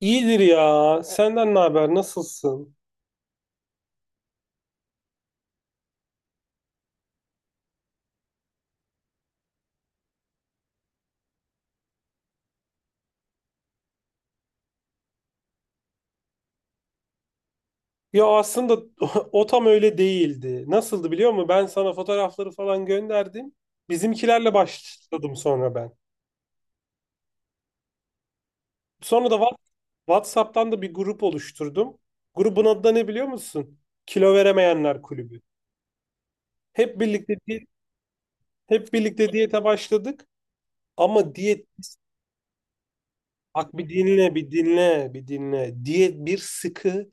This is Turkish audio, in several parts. İyidir ya. Senden ne haber? Nasılsın? Ya aslında o tam öyle değildi. Nasıldı biliyor musun? Ben sana fotoğrafları falan gönderdim. Bizimkilerle başladım sonra ben. Sonra da WhatsApp'tan da bir grup oluşturdum. Grubun adı da ne biliyor musun? Kilo Veremeyenler Kulübü. Hep birlikte di- hep birlikte diyete başladık. Ama diyet, bak bir dinle bir dinle bir dinle. Diyet bir sıkı.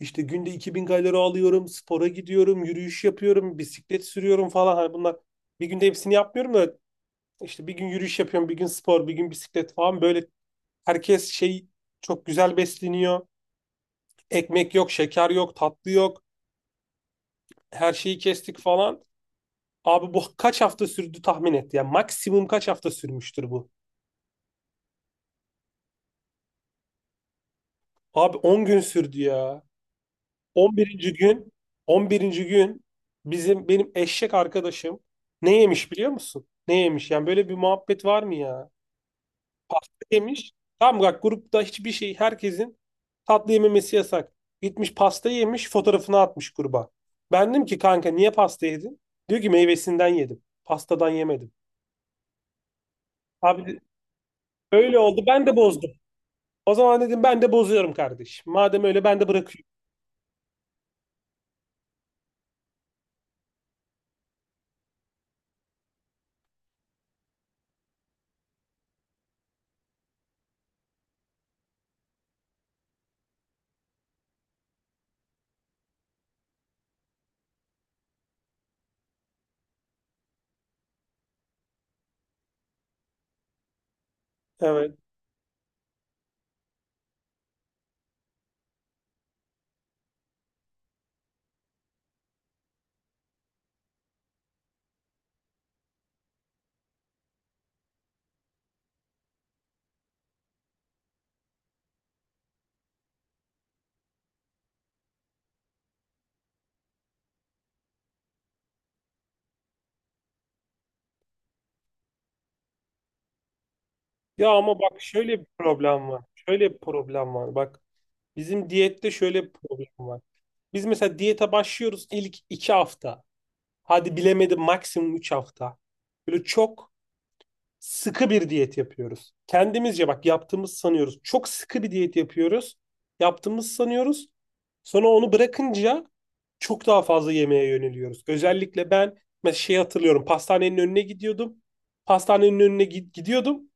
İşte günde 2000 kalori alıyorum, spora gidiyorum, yürüyüş yapıyorum, bisiklet sürüyorum falan. Hani bunlar bir günde hepsini yapmıyorum da işte bir gün yürüyüş yapıyorum, bir gün spor, bir gün bisiklet falan. Böyle herkes şey, çok güzel besleniyor. Ekmek yok, şeker yok, tatlı yok. Her şeyi kestik falan. Abi bu kaç hafta sürdü tahmin et ya. Maksimum kaç hafta sürmüştür bu? Abi 10 gün sürdü ya. 11. gün, 11. gün bizim, benim eşek arkadaşım ne yemiş biliyor musun? Ne yemiş? Yani böyle bir muhabbet var mı ya? Pasta yemiş. Tamam, bak grupta hiçbir şey, herkesin tatlı yememesi yasak. Gitmiş pasta yemiş, fotoğrafını atmış gruba. Ben dedim ki, kanka niye pasta yedin? Diyor ki, meyvesinden yedim, pastadan yemedim. Abi öyle oldu, ben de bozdum. O zaman dedim, ben de bozuyorum kardeş. Madem öyle ben de bırakıyorum. Evet. Ya ama bak, şöyle bir problem var. Şöyle bir problem var. Bak, bizim diyette şöyle bir problem var. Biz mesela diyete başlıyoruz, ilk 2 hafta. Hadi bilemedim maksimum 3 hafta. Böyle çok sıkı bir diyet yapıyoruz. Kendimizce, bak yaptığımız sanıyoruz. Çok sıkı bir diyet yapıyoruz. Yaptığımız sanıyoruz. Sonra onu bırakınca çok daha fazla yemeğe yöneliyoruz. Özellikle ben mesela şey hatırlıyorum. Pastanenin önüne gidiyordum. Pastanenin önüne gidiyordum.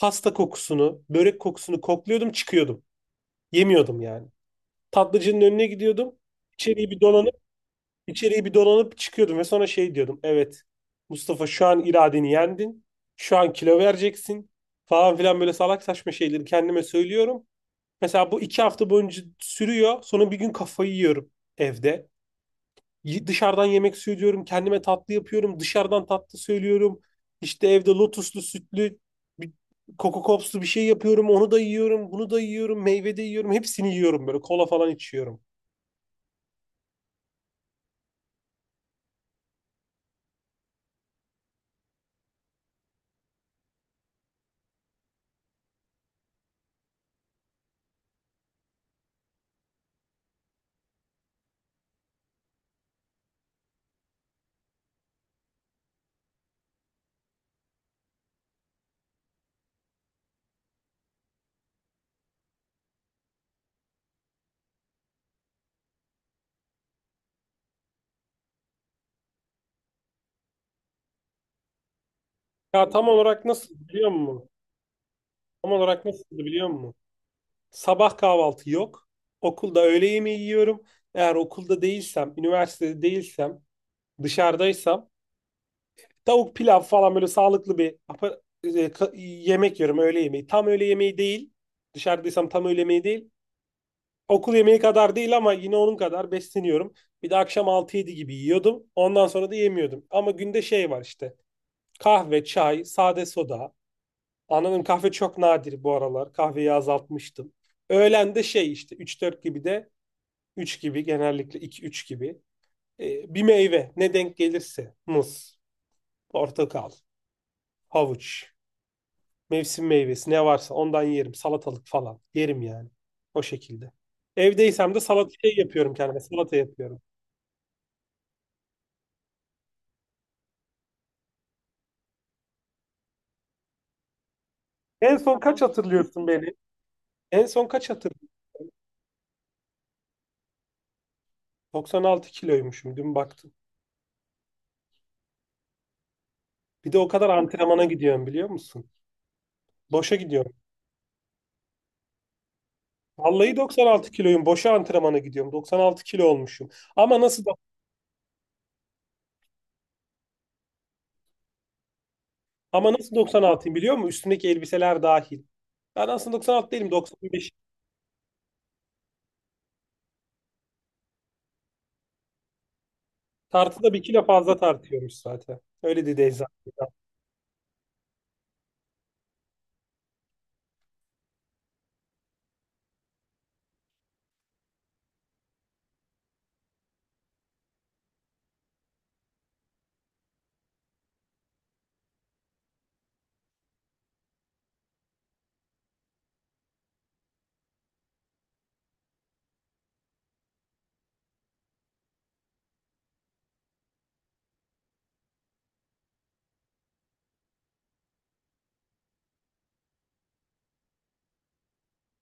Pasta kokusunu, börek kokusunu kokluyordum, çıkıyordum. Yemiyordum yani. Tatlıcının önüne gidiyordum. İçeriği bir dolanıp içeriği bir dolanıp çıkıyordum ve sonra şey diyordum. Evet, Mustafa şu an iradeni yendin. Şu an kilo vereceksin, falan filan, böyle salak saçma şeyleri kendime söylüyorum. Mesela bu 2 hafta boyunca sürüyor. Sonra bir gün kafayı yiyorum evde. Dışarıdan yemek söylüyorum. Kendime tatlı yapıyorum. Dışarıdan tatlı söylüyorum. İşte evde lotuslu, sütlü bir, Coco Pops'lu bir şey yapıyorum. Onu da yiyorum, bunu da yiyorum, meyve de yiyorum. Hepsini yiyorum böyle. Kola falan içiyorum. Ya tam olarak nasıl biliyor musun? Tam olarak nasıl biliyor musun? Sabah kahvaltı yok. Okulda öğle yemeği yiyorum. Eğer okulda değilsem, üniversitede değilsem, dışarıdaysam, tavuk pilav falan, böyle sağlıklı bir yemek yiyorum, öğle yemeği. Tam öğle yemeği değil. Dışarıdaysam tam öğle yemeği değil. Okul yemeği kadar değil ama yine onun kadar besleniyorum. Bir de akşam altı yedi gibi yiyordum. Ondan sonra da yemiyordum. Ama günde şey var işte. Kahve, çay, sade soda. Anladım, kahve çok nadir bu aralar. Kahveyi azaltmıştım. Öğlen de şey işte üç dört gibi de, üç gibi genellikle, iki üç gibi. Bir meyve, ne denk gelirse. Muz, portakal, havuç, mevsim meyvesi ne varsa ondan yerim. Salatalık falan yerim yani. O şekilde. Evdeysem de salata şey yapıyorum kendime. Salata yapıyorum. En son kaç hatırlıyorsun beni? En son kaç hatırlıyorsun? 96 kiloymuşum dün baktım. Bir de o kadar antrenmana gidiyorum biliyor musun? Boşa gidiyorum. Vallahi 96 kiloyum. Boşa antrenmana gidiyorum. 96 kilo olmuşum. Ama nasıl da ama nasıl 96'yım biliyor musun? Üstümdeki elbiseler dahil. Ben aslında 96 değilim, 95. Tartıda bir kilo fazla tartıyormuş zaten. Öyle dedi eczacı.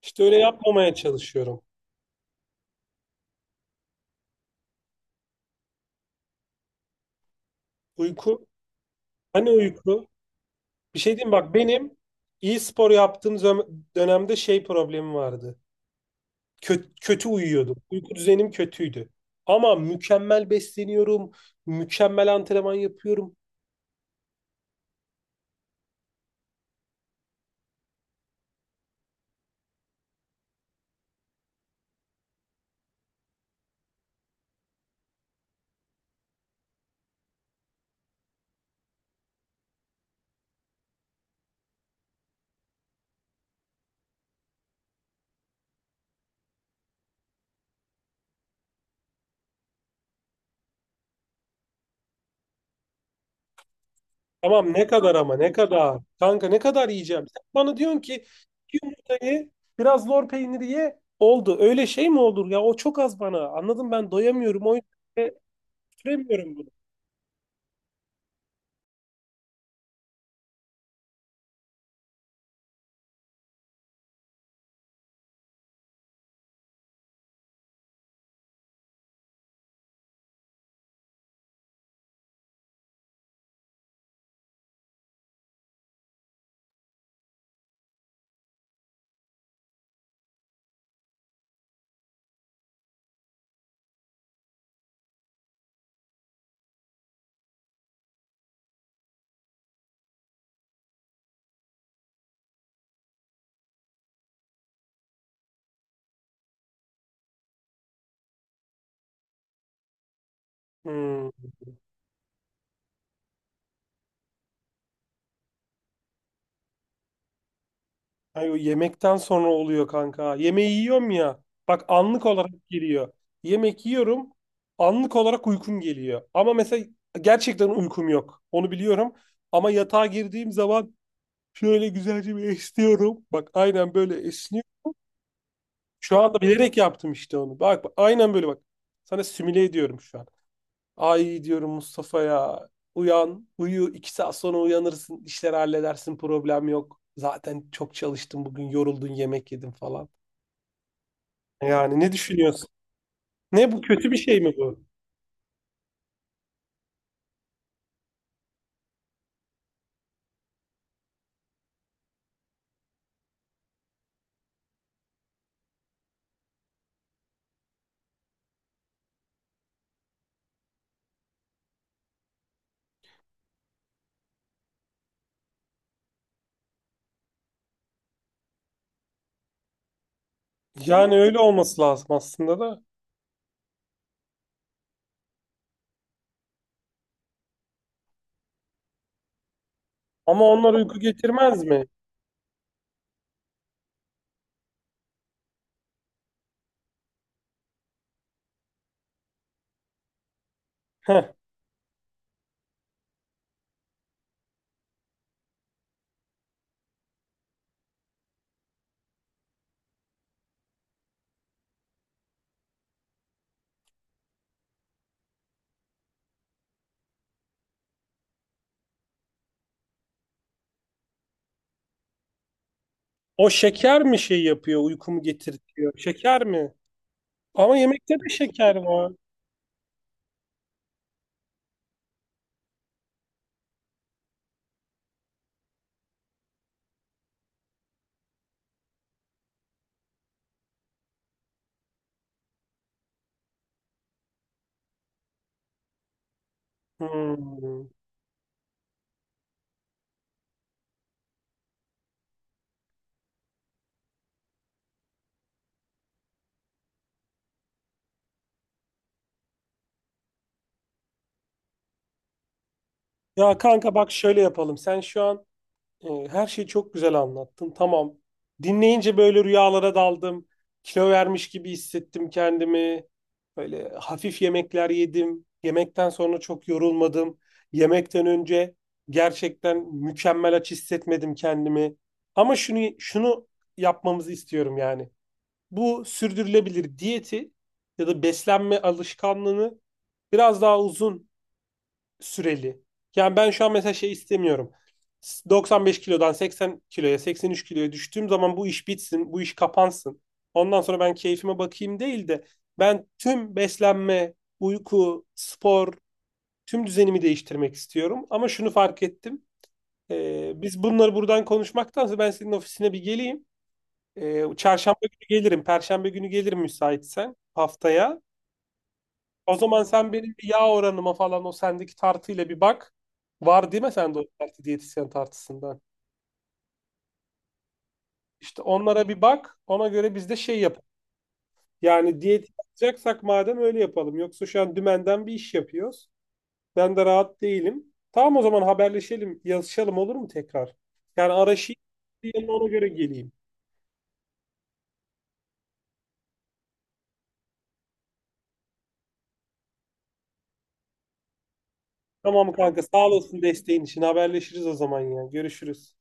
İşte öyle yapmamaya çalışıyorum. Uyku. Hani uyku? Bir şey diyeyim bak, benim iyi spor yaptığım dönemde şey problemi vardı. Kötü, kötü uyuyordum. Uyku düzenim kötüydü. Ama mükemmel besleniyorum. Mükemmel antrenman yapıyorum. Tamam, ne kadar, ama ne kadar? Kanka, ne kadar yiyeceğim? Sen bana diyorsun ki, yumurtayı, biraz lor peyniri ye. Oldu. Öyle şey mi olur ya? O çok az bana. Anladım, ben doyamıyorum. O yüzden de süremiyorum bunu. Hmm. Ay, o yemekten sonra oluyor kanka. Yemeği yiyorum ya. Bak, anlık olarak geliyor. Yemek yiyorum. Anlık olarak uykum geliyor. Ama mesela gerçekten uykum yok, onu biliyorum. Ama yatağa girdiğim zaman şöyle güzelce bir esniyorum. Bak aynen böyle esniyorum. Şu anda bilerek yaptım işte onu. Bak, bak aynen böyle bak. Sana simüle ediyorum şu an. Ay, diyorum, Mustafa ya, uyan, uyu. 2 saat sonra uyanırsın. İşleri halledersin. Problem yok. Zaten çok çalıştım bugün. Yoruldun, yemek yedim falan. Yani ne düşünüyorsun? Ne, bu kötü bir şey mi bu? Yani öyle olması lazım aslında da. Ama onlar uyku getirmez mi? Heh. O şeker mi şey yapıyor, uykumu getirtiyor? Şeker mi? Ama yemekte de şeker var. Hmm. Ya kanka bak, şöyle yapalım. Sen şu an, her şeyi çok güzel anlattın. Tamam. Dinleyince böyle rüyalara daldım. Kilo vermiş gibi hissettim kendimi. Böyle hafif yemekler yedim. Yemekten sonra çok yorulmadım. Yemekten önce gerçekten mükemmel aç hissetmedim kendimi. Ama şunu yapmamızı istiyorum yani. Bu sürdürülebilir diyeti ya da beslenme alışkanlığını biraz daha uzun süreli. Yani ben şu an mesela şey istemiyorum. 95 kilodan 80 kiloya, 83 kiloya düştüğüm zaman bu iş bitsin, bu iş kapansın. Ondan sonra ben keyfime bakayım değil de ben tüm beslenme, uyku, spor, tüm düzenimi değiştirmek istiyorum. Ama şunu fark ettim. Biz bunları buradan konuşmaktansa ben senin ofisine bir geleyim. Çarşamba günü gelirim, perşembe günü gelirim müsaitsen, haftaya. O zaman sen benim bir yağ oranıma falan, o sendeki tartıyla bir bak. Var değil mi sende o tartı, diyetisyen tartısından? İşte onlara bir bak. Ona göre biz de şey yapalım. Yani diyet yapacaksak madem, öyle yapalım. Yoksa şu an dümenden bir iş yapıyoruz. Ben de rahat değilim. Tamam, o zaman haberleşelim, yazışalım olur mu tekrar? Yani araşayım, ona göre geleyim. Tamam kanka, sağ olasın desteğin için. Haberleşiriz o zaman ya. Görüşürüz.